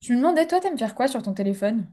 Tu me demandais, toi, t'aimes faire quoi sur ton téléphone?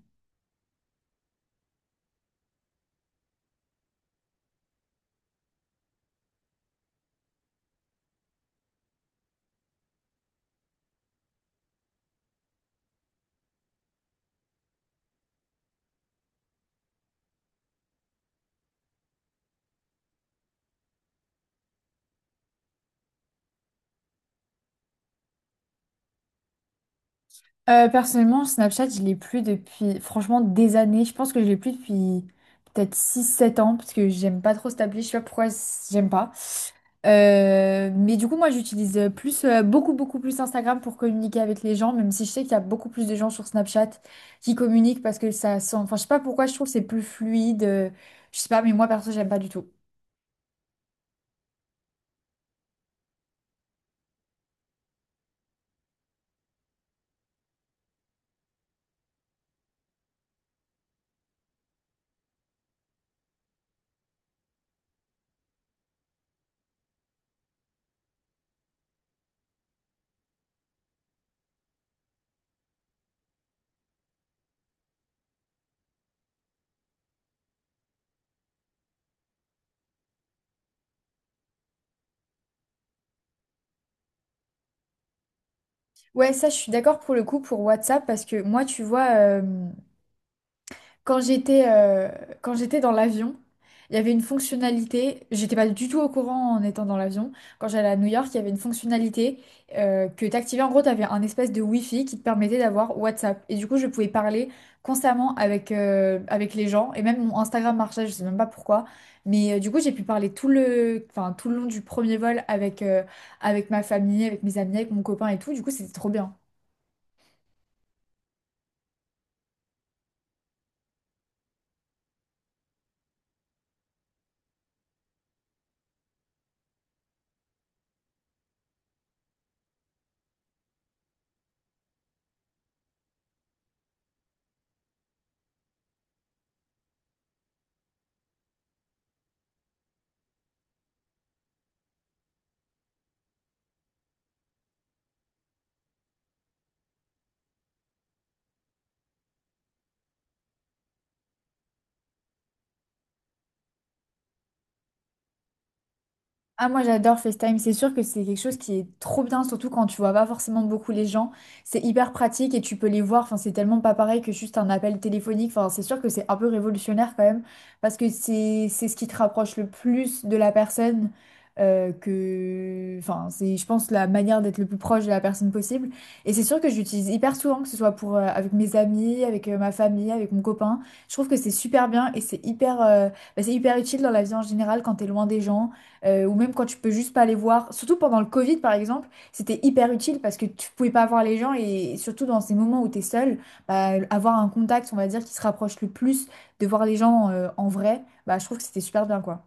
Personnellement, Snapchat, je l'ai plus depuis, franchement, des années. Je pense que je l'ai plus depuis peut-être 6 7 ans, parce que j'aime pas trop cette appli. Je sais pas pourquoi j'aime pas. Mais du coup, moi, j'utilise plus, beaucoup plus Instagram pour communiquer avec les gens, même si je sais qu'il y a beaucoup plus de gens sur Snapchat qui communiquent parce que ça sent. Enfin, je sais pas pourquoi je trouve que c'est plus fluide. Je sais pas, mais moi, perso, j'aime pas du tout. Ouais, ça, je suis d'accord pour le coup pour WhatsApp, parce que moi, tu vois. Quand j'étais euh, Quand j'étais dans l'avion, il y avait une fonctionnalité, j'étais pas du tout au courant en étant dans l'avion. Quand j'allais à New York, il y avait une fonctionnalité que t'activais. En gros, t'avais un espèce de Wi-Fi qui te permettait d'avoir WhatsApp. Et du coup, je pouvais parler constamment avec, avec les gens. Et même mon Instagram marchait, je sais même pas pourquoi. Mais du coup, j'ai pu parler tout le, enfin, tout le long du premier vol avec, avec ma famille, avec mes amis, avec mon copain et tout. Du coup, c'était trop bien. Ah, moi j'adore FaceTime, c'est sûr que c'est quelque chose qui est trop bien, surtout quand tu vois pas forcément beaucoup les gens. C'est hyper pratique et tu peux les voir, enfin, c'est tellement pas pareil que juste un appel téléphonique. Enfin, c'est sûr que c'est un peu révolutionnaire quand même, parce que c'est ce qui te rapproche le plus de la personne que. Enfin, c'est, je pense, la manière d'être le plus proche de la personne possible. Et c'est sûr que j'utilise hyper souvent, que ce soit pour, avec mes amis, avec ma famille, avec mon copain. Je trouve que c'est super bien et c'est hyper, bah, c'est hyper utile dans la vie en général quand t'es loin des gens ou même quand tu peux juste pas les voir. Surtout pendant le Covid, par exemple, c'était hyper utile parce que tu pouvais pas voir les gens et surtout dans ces moments où tu es seul, bah, avoir un contact, on va dire, qui se rapproche le plus de voir les gens en vrai, bah, je trouve que c'était super bien, quoi.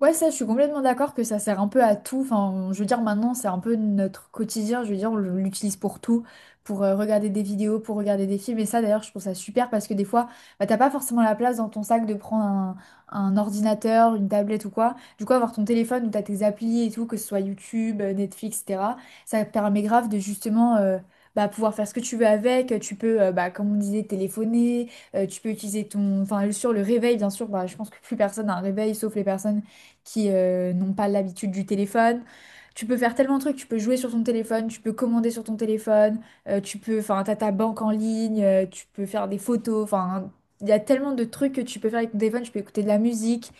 Ouais, ça, je suis complètement d'accord que ça sert un peu à tout. Enfin, je veux dire, maintenant, c'est un peu notre quotidien. Je veux dire, on l'utilise pour tout, pour regarder des vidéos, pour regarder des films. Et ça, d'ailleurs, je trouve ça super parce que des fois, bah, t'as pas forcément la place dans ton sac de prendre un ordinateur, une tablette ou quoi. Du coup, avoir ton téléphone où t'as tes applis et tout, que ce soit YouTube, Netflix, etc., ça te permet grave de justement. Bah, pouvoir faire ce que tu veux avec, tu peux, bah, comme on disait, téléphoner, tu peux utiliser ton... Enfin, sur le réveil, bien sûr, bah, je pense que plus personne a un réveil, sauf les personnes qui n'ont pas l'habitude du téléphone. Tu peux faire tellement de trucs, tu peux jouer sur ton téléphone, tu peux commander sur ton téléphone, tu peux, enfin, t'as ta banque en ligne, tu peux faire des photos, enfin, il y a tellement de trucs que tu peux faire avec ton téléphone, tu peux écouter de la musique.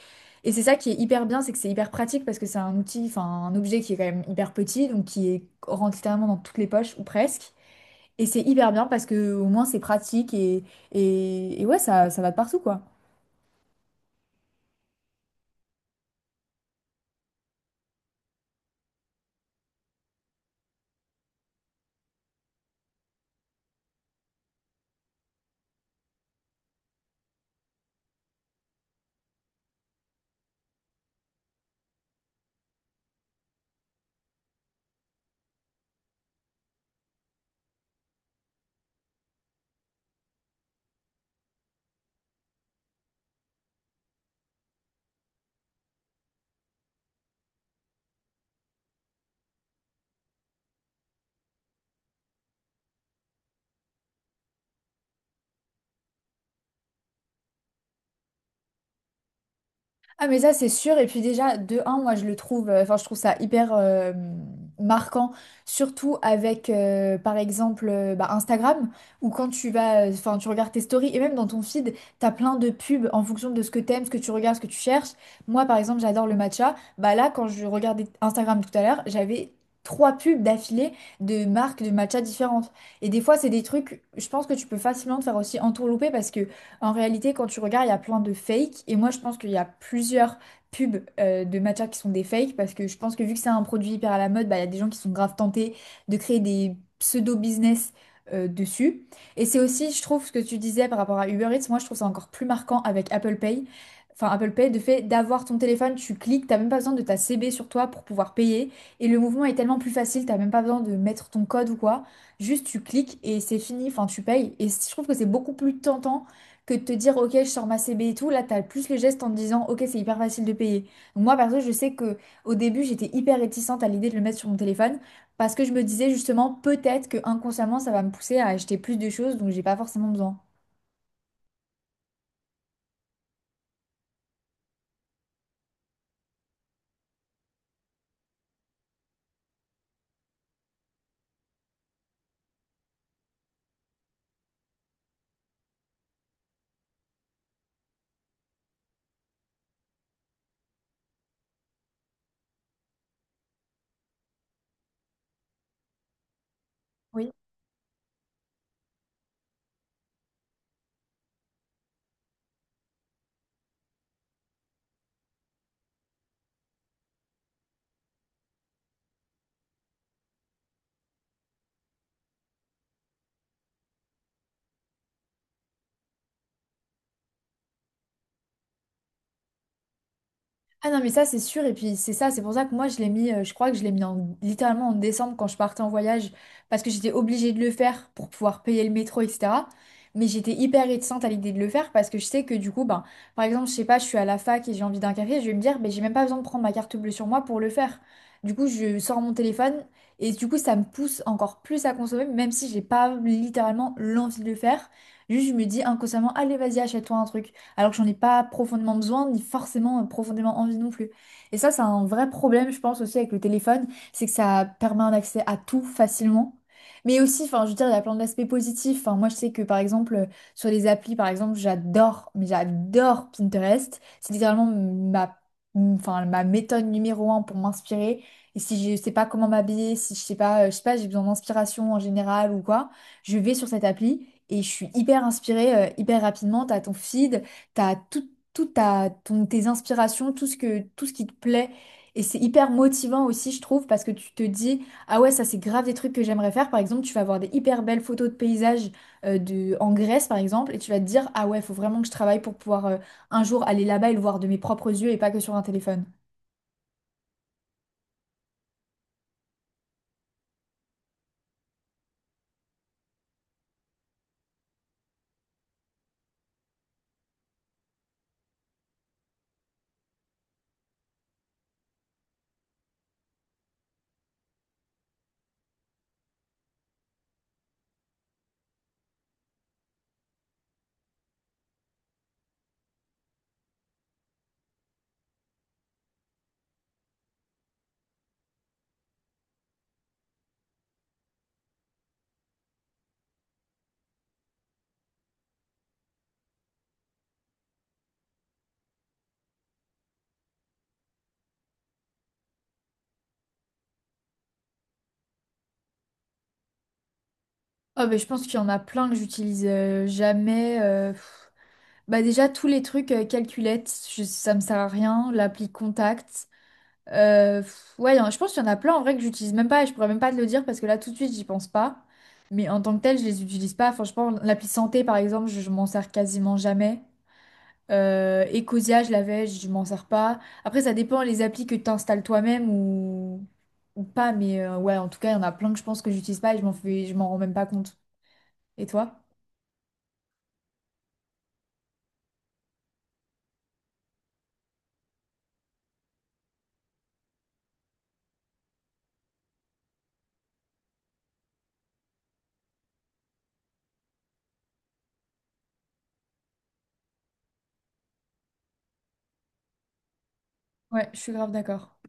Et c'est ça qui est hyper bien, c'est que c'est hyper pratique parce que c'est un outil, enfin, un objet qui est quand même hyper petit, donc qui est rentre littéralement dans toutes les poches ou presque. Et c'est hyper bien parce que au moins c'est pratique et, et ouais, ça va de partout, quoi. Ah mais ça c'est sûr et puis déjà de un moi je le trouve enfin je trouve ça hyper marquant surtout avec par exemple bah, Instagram où quand tu vas enfin tu regardes tes stories et même dans ton feed t'as plein de pubs en fonction de ce que t'aimes ce que tu regardes ce que tu cherches moi par exemple j'adore le matcha bah là quand je regardais Instagram tout à l'heure j'avais 3 pubs d'affilée de marques de matcha différentes et des fois c'est des trucs je pense que tu peux facilement te faire aussi entourlouper parce que en réalité, quand tu regardes, il y a plein de fakes. Et moi, je pense qu'il y a plusieurs pubs de matcha qui sont des fakes. Parce que je pense que vu que c'est un produit hyper à la mode, bah, il y a des gens qui sont grave tentés de créer des pseudo-business dessus. Et c'est aussi, je trouve, ce que tu disais par rapport à Uber Eats. Moi, je trouve ça encore plus marquant avec Apple Pay. Enfin, Apple Pay, de fait d'avoir ton téléphone, tu cliques, t'as même pas besoin de ta CB sur toi pour pouvoir payer. Et le mouvement est tellement plus facile, t'as même pas besoin de mettre ton code ou quoi. Juste, tu cliques et c'est fini. Enfin, tu payes. Et je trouve que c'est beaucoup plus tentant que de te dire, ok, je sors ma CB et tout, là, t'as plus le geste en te disant, ok, c'est hyper facile de payer. Donc moi, perso, je sais que au début, j'étais hyper réticente à l'idée de le mettre sur mon téléphone parce que je me disais justement, peut-être que inconsciemment, ça va me pousser à acheter plus de choses, donc j'ai pas forcément besoin. Oui. Ah non, mais ça, c'est sûr. Et puis, c'est ça, c'est pour ça que moi, je l'ai mis, je crois que je l'ai mis en, littéralement en décembre quand je partais en voyage, parce que j'étais obligée de le faire pour pouvoir payer le métro, etc. Mais j'étais hyper réticente à l'idée de le faire parce que je sais que du coup, ben, par exemple, je sais pas, je suis à la fac et j'ai envie d'un café, je vais me dire, ben, j'ai même pas besoin de prendre ma carte bleue sur moi pour le faire. Du coup, je sors mon téléphone et du coup, ça me pousse encore plus à consommer, même si j'ai pas littéralement l'envie de le faire. Juste, je me dis inconsciemment, allez, vas-y, achète-toi un truc alors que j'en ai pas profondément besoin, ni forcément profondément envie non plus. Et ça, c'est un vrai problème, je pense, aussi avec le téléphone, c'est que ça permet un accès à tout facilement. Mais aussi, enfin, je veux dire, il y a plein d'aspects positifs. Enfin, moi, je sais que, par exemple, sur les applis, par exemple, j'adore, mais j'adore Pinterest. C'est littéralement ma, enfin, ma méthode numéro un pour m'inspirer. Et si je sais pas comment m'habiller, si je sais pas, je sais pas, j'ai besoin d'inspiration en général ou quoi, je vais sur cette appli et je suis hyper inspirée, hyper rapidement. T'as ton feed, t'as tout, tes inspirations, tout ce que, tout ce qui te plaît. Et c'est hyper motivant aussi, je trouve, parce que tu te dis, ah ouais, ça c'est grave des trucs que j'aimerais faire. Par exemple, tu vas avoir des hyper belles photos de paysages en Grèce, par exemple, et tu vas te dire, ah ouais, faut vraiment que je travaille pour pouvoir un jour aller là-bas et le voir de mes propres yeux et pas que sur un téléphone. Ah bah, je pense qu'il y en a plein que j'utilise jamais. Pff. Bah déjà, tous les trucs calculettes, ça me sert à rien. L'appli Contact. Ouais, je pense qu'il y en a plein en vrai que j'utilise même pas et je pourrais même pas te le dire parce que là tout de suite j'y pense pas. Mais en tant que tel, je les utilise pas. Franchement, l'appli santé par exemple, je m'en sers quasiment jamais. Ecosia, je l'avais, je m'en sers pas. Après, ça dépend les applis que tu installes toi-même ou pas. Mais ouais, en tout cas, il y en a plein que je pense que j'utilise pas et je m'en fais... je m'en rends même pas compte. Et toi? Ouais, je suis grave d'accord.